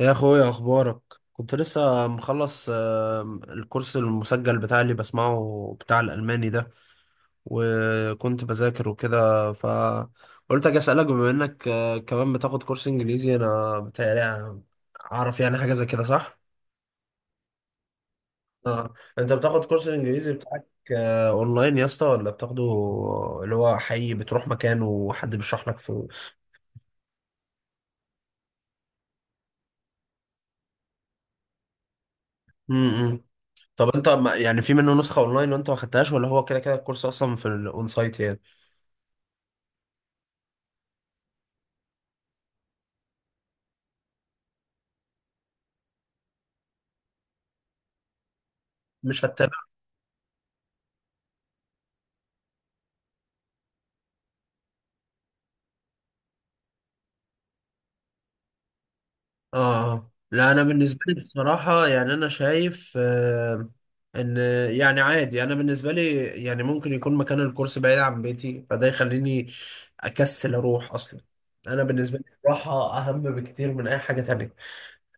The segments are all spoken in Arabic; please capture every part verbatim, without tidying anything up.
يا اخويا، اخبارك؟ كنت لسه مخلص آم، الكورس المسجل بتاعي اللي بسمعه بتاع الالماني ده. وكنت بذاكر وكده، فقلت اجي اسالك بما انك آه، كمان بتاخد كورس انجليزي، انا بتهيألي اعرف يعني حاجه زي كده، صح؟ اه انت بتاخد كورس الانجليزي بتاعك آه، اونلاين يا اسطى ولا بتاخده اللي هو حقيقي بتروح مكان وحد بيشرح لك في؟ طب انت ما- يعني في منه نسخة اونلاين وانت ما خدتهاش، ولا هو كده كده الكورس اصلا في الاون سايت يعني؟ مش هتتابع. اه. آه. لا انا بالنسبة لي بصراحة، يعني انا شايف آه ان يعني عادي، انا بالنسبة لي يعني ممكن يكون مكان الكورس بعيد عن بيتي، فده يخليني اكسل اروح اصلا. انا بالنسبة لي الراحة اهم بكتير من اي حاجة تانية.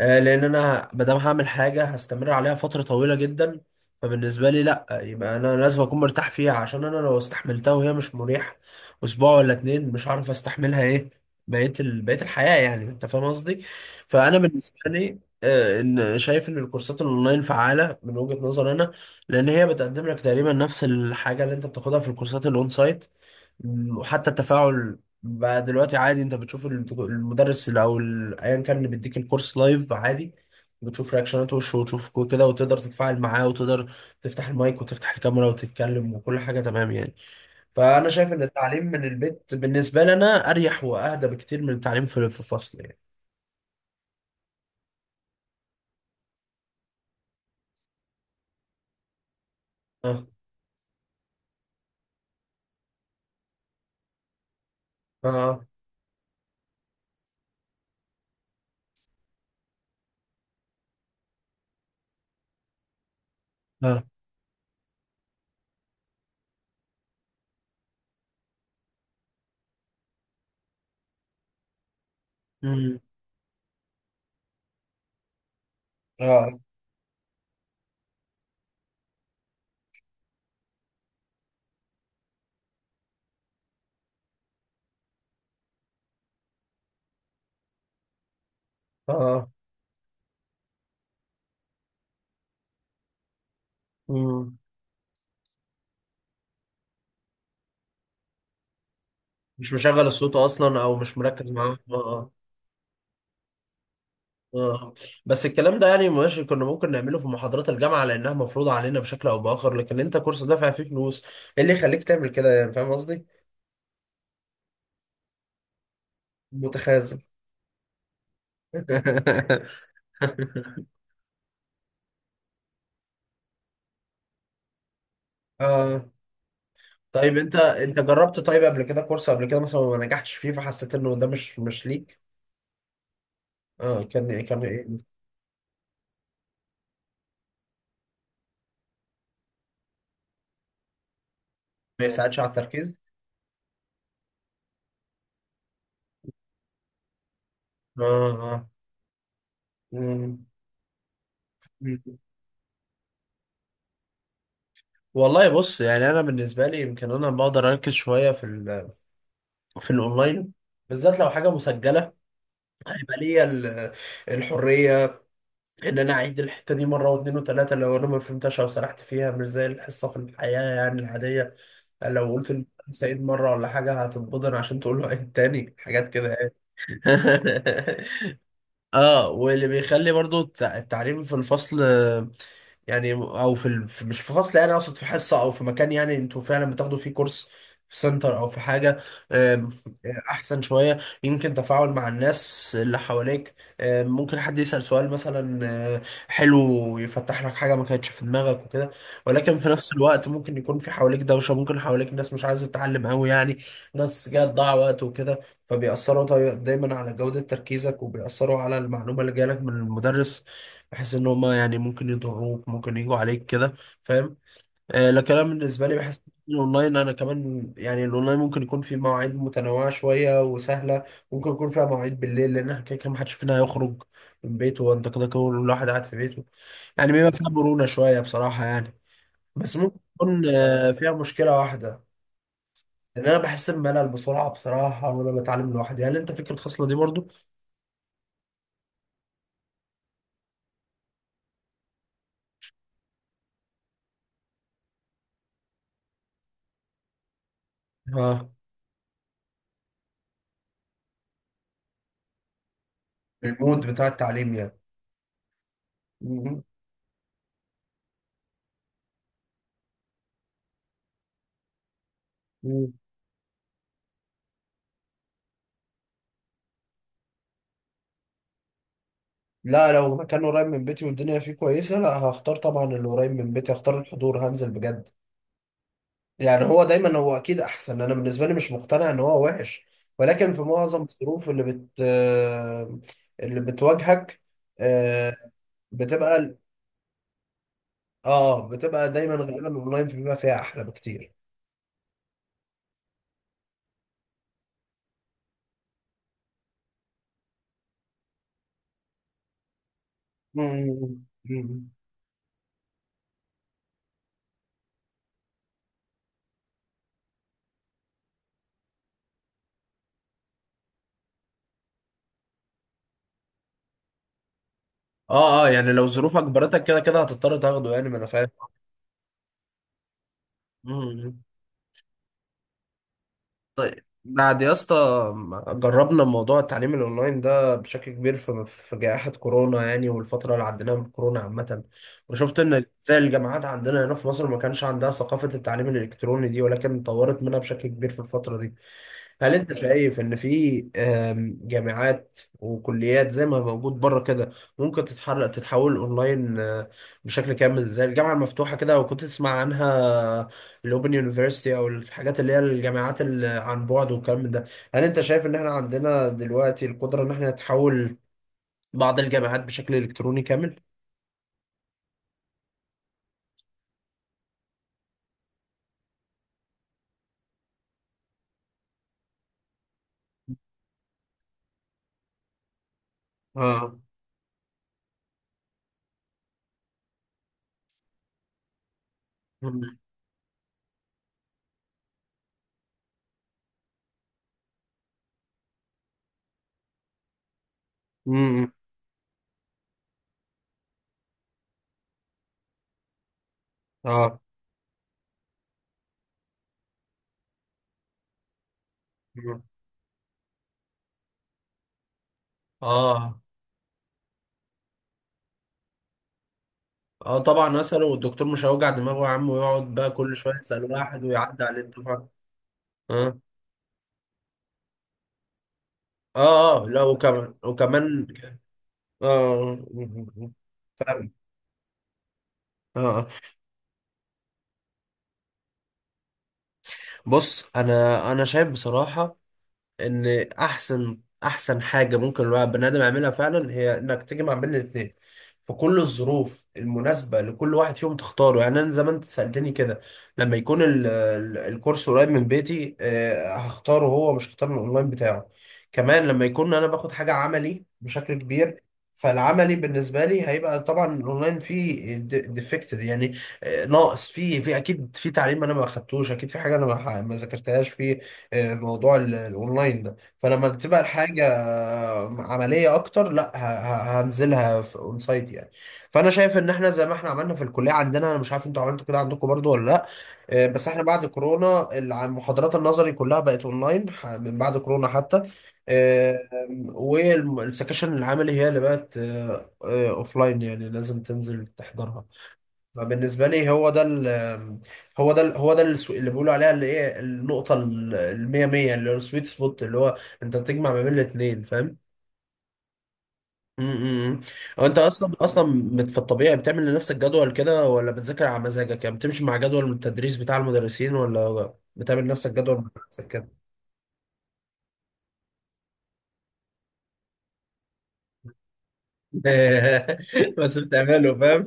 آه، لان انا ما دام هعمل حاجه هستمر عليها فتره طويله جدا، فبالنسبه لي لا، يبقى انا لازم اكون مرتاح فيها، عشان انا لو استحملتها وهي مش مريحه اسبوع ولا اتنين، مش هعرف استحملها ايه بقيه ال... بقيه الحياه، يعني انت فاهم قصدي. فانا بالنسبه لي آه، ان شايف ان الكورسات الاونلاين فعاله من وجهه نظر انا، لان هي بتقدم لك تقريبا نفس الحاجه اللي انت بتاخدها في الكورسات الاون سايت. وحتى التفاعل بقى دلوقتي عادي، انت بتشوف الدكو- المدرس اللي، او ال- ايا كان اللي بيديك الكورس لايف عادي. بتشوف رياكشنات وشه، وتشوف كو- كده، وتقدر تتفاعل معاه، وتقدر تفتح المايك وتفتح الكاميرا وتتكلم، وكل حاجة تمام يعني. فأنا شايف إن التعليم من البيت بالنسبة لنا أريح وأهدى بكتير من التعليم في في الفصل يعني. اه. اه. اه. مم. اه. اه. مم. مش مشغل الصوت أصلا، أو مش مركز معاه. اه. آه. اه، بس الكلام ده يعني ماشي، كنا ممكن نعمله في محاضرات الجامعة لأنها مفروضة علينا بشكل أو بآخر، لكن أنت كورس دافع فيه فلوس، إيه اللي يخليك تعمل كده يعني، فاهم قصدي؟ متخاذل. اه. طيب أنت أنت جربت طيب قبل كده كورس قبل كده مثلا وما نجحتش فيه، فحسيت إنه ده مش مش ليك؟ اه كان كان إيه؟ ما يساعدش على التركيز؟ اه. اه. مم. مم. والله بص، يعني أنا بالنسبة لي يمكن أنا بقدر أركز شوية في ال في الأونلاين، بالذات لو حاجة مسجلة ليا. ال- الحريه ان انا اعيد الحته دي مره واثنين وثلاثه لو انا ما فهمتهاش او سرحت فيها، مش زي الحصه في الحياه يعني العاديه. لو قلت للمدرس عيد مره ولا حاجه هتتبضن، عشان تقول له عيد تاني حاجات كده يعني. اه، واللي بيخلي برضو التع- التعليم في الفصل آه، يعني، او في, ال... في، مش في فصل، يعني اقصد في حصه او في مكان يعني انتوا فعلا بتاخدوا فيه كورس في سنتر او في حاجه. آم، احسن شويه، يمكن تفاعل مع الناس اللي حواليك. آم، ممكن حد يسال سؤال مثلا، آه، حلو، يفتح لك حاجه ما كانتش في دماغك وكده. ولكن في نفس الوقت ممكن يكون في حواليك دوشه، ممكن حواليك ناس مش عايزه تتعلم قوي يعني، ناس جايه تضيع وقت وكده، فبيأثروا داي- دايما على جودة تركيزك، وبيأثروا على المعلومة اللي جالك من المدرس، بحيث ان هما يعني ممكن يضروك، ممكن يجوا عليك كده، فاهم؟ آه لكن انا بالنسبة لي بحس إن الاونلاين، انا كمان يعني الاونلاين ممكن يكون فيه مواعيد متنوعة شوية وسهلة، ممكن يكون فيها مواعيد بالليل، لان احنا كده كده محدش فينا هيخرج من بيته، وانت كده كده الواحد قاعد في بيته، يعني بيبقى فيها مرونة شوية بصراحة يعني. بس ممكن تكون آه، فيها مشكلة واحدة، ان انا بحس بملل بسرعة بصراحة وانا بتعلم لوحدي، هل انت فيك الخصلة دي برضو؟ اه، المود بتاع التعليم يعني. مم. مم. لا، لو مكان قريب من بيتي والدنيا فيه كويسة، لا هختار طبعا اللي قريب من بيتي، هختار الحضور، هنزل بجد. يعني هو دايما هو أكيد أحسن، أنا بالنسبة لي مش مقتنع إن هو وحش، ولكن في معظم الظروف اللي بت آه، اللي بتواجهك، آه، بتبقى، اه بتبقى دايما غالبا اونلاين بيبقى فيها احلى بكتير. مم. مم. اه اه، يعني لو ظروفك جبرتك كده كده هتضطر تاخده يعني، ما انا فاهم. مم. طيب، بعد يا اسطى ما جربنا موضوع التعليم الاونلاين ده بشكل كبير في في جائحة كورونا يعني، والفترة اللي عديناها من كورونا عامة، وشفت ان زي الجامعات عندنا هنا في مصر ما كانش عندها ثقافة التعليم الالكتروني دي، ولكن طورت منها بشكل كبير في الفترة دي. هل انت شايف ان في آم، جامعات وكليات زي ما موجود بره كده ممكن تتحرك تتحول اونلاين آه، بشكل كامل، زي الجامعه المفتوحه كده، وكنت تسمع عنها الاوبن يونيفرسيتي، او الحاجات اللي هي الجامعات اللي عن بعد والكلام من ده؟ هل انت شايف ان احنا عندنا دلوقتي القدره ان احنا نتحول بعض الجامعات بشكل الكتروني كامل؟ اه. امم. اه. مم. اه اه طبعا، اساله، والدكتور مش هيوجع دماغه يا عم ويقعد بقى كل شويه يسال واحد ويعدي عليه الدفعه. اه. اه. اه لا، وكمان وكمان. اه، فاهم. اه. آه. اه. بص، انا انا شايف بصراحه ان احسن احسن حاجه ممكن الواحد بني ادم يعملها فعلا هي انك تجمع بين الاثنين، في كل الظروف المناسبه لكل واحد فيهم تختاره يعني. انا زمان انت سالتني كده، لما يكون ال- ال- الكورس قريب من بيتي، آه، هختاره هو، مش هختار الاونلاين بتاعه. كمان لما يكون انا باخد حاجه عملي بشكل كبير، فالعملي بالنسبه لي هيبقى طبعا الاونلاين فيه ديفكتد يعني، آه، ناقص فيه، في اكيد في تعليم انا ما اخدتوش، اكيد في حاجه انا ما ما ذاكرتهاش فيه، آه، موضوع ال- الاونلاين ده. فلما تبقى الحاجه آه، عمليه اكتر، لا ه- ه- هنزلها في اون سايت يعني. فانا شايف ان احنا زي ما احنا عملنا في الكليه عندنا، انا مش عارف انتوا عملتوا كده عندكم برضو ولا لا، آه، بس احنا بعد كورونا الع- محاضرات النظري كلها بقت اونلاين ح- من بعد كورونا حتى، آه، والسكاشن العملي هي اللي بقت اوفلاين، يعني لازم تنزل تحضرها. ما بالنسبة لي هو ده ال، هو ده ال هو ده السو- اللي بيقولوا عليها اللي ايه، النقطة ال- المية مية اللي هو السويت سبوت، اللي هو انت تجمع ما بين الاتنين، فاهم؟ امم. هو انت اصلا اصلا بت- في الطبيعي بتعمل لنفسك جدول كده ولا بتذاكر على مزاجك؟ يعني بتمشي مع جدول من التدريس بتاع المدرسين ولا بتعمل لنفسك جدول مع نفسك كده؟ بس بتعمله، فاهم.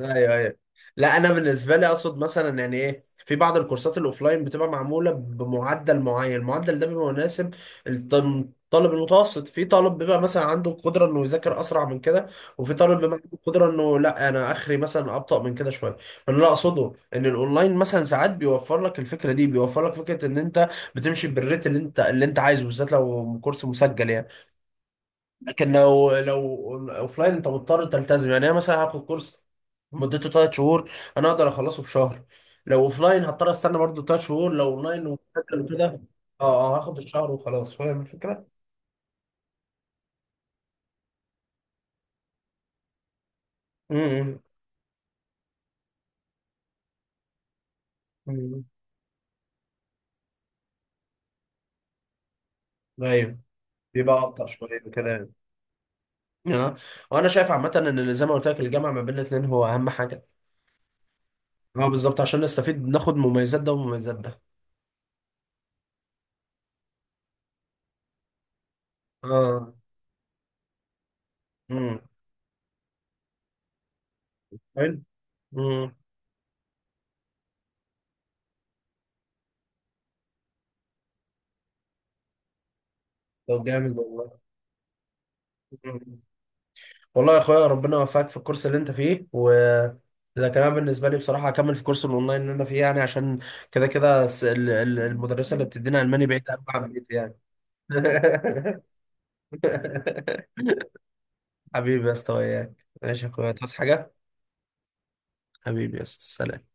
ايوه، ايوه. لا انا بالنسبه لي اقصد مثلا يعني ايه، في بعض الكورسات الاوفلاين بتبقى معموله بمعدل معين، المعدل ده بيبقى مناسب للطالب المتوسط. في طالب بيبقى مثلا عنده القدره انه يذاكر اسرع من كده، وفي طالب بيبقى عنده القدره انه لا، انا اخري مثلا ابطا من كده شويه. فانا اللي اقصده ان الاونلاين مثلا ساعات بيوفر لك الفكره دي، بيوفر لك فكره ان انت بتمشي بالريت اللي انت اللي انت عايزه، بالذات لو كورس مسجل يعني. لكن لو لو اوفلاين انت مضطر تلتزم يعني. انا مثلا هاخد كورس مدته 3 شهور، انا اقدر اخلصه في شهر، لو اوفلاين هضطر استنى برضو 3 شهور، لو اونلاين ومذاكر وكده اه آه، هاخد الشهر وخلاص، فاهم الفكره؟ امم. أمم. ايوه. بيبقى ابطأ شويه وكده يعني. اه، وانا شايف عامه ان زي ما قلت لك، الجامعه ما بين الاثنين هو اهم حاجه. اه بالظبط، عشان نستفيد ناخد مميزات ده ومميزات ده. اه. امم. حلو. امم. طب جامد والله. والله يا اخويا ربنا يوفقك في الكورس اللي انت فيه، و ده كمان بالنسبه لي بصراحه هكمل في كورس الاونلاين اللي انا فيه يعني، عشان كده كده الس- ال- ال- المدرسه اللي بتدينا الماني بعيد قوي عن بيتي يعني. حبيبي يا اسطى وياك، ماشي يا اخويا، تصحى حاجه. حبيبي يا اسطى، سلام.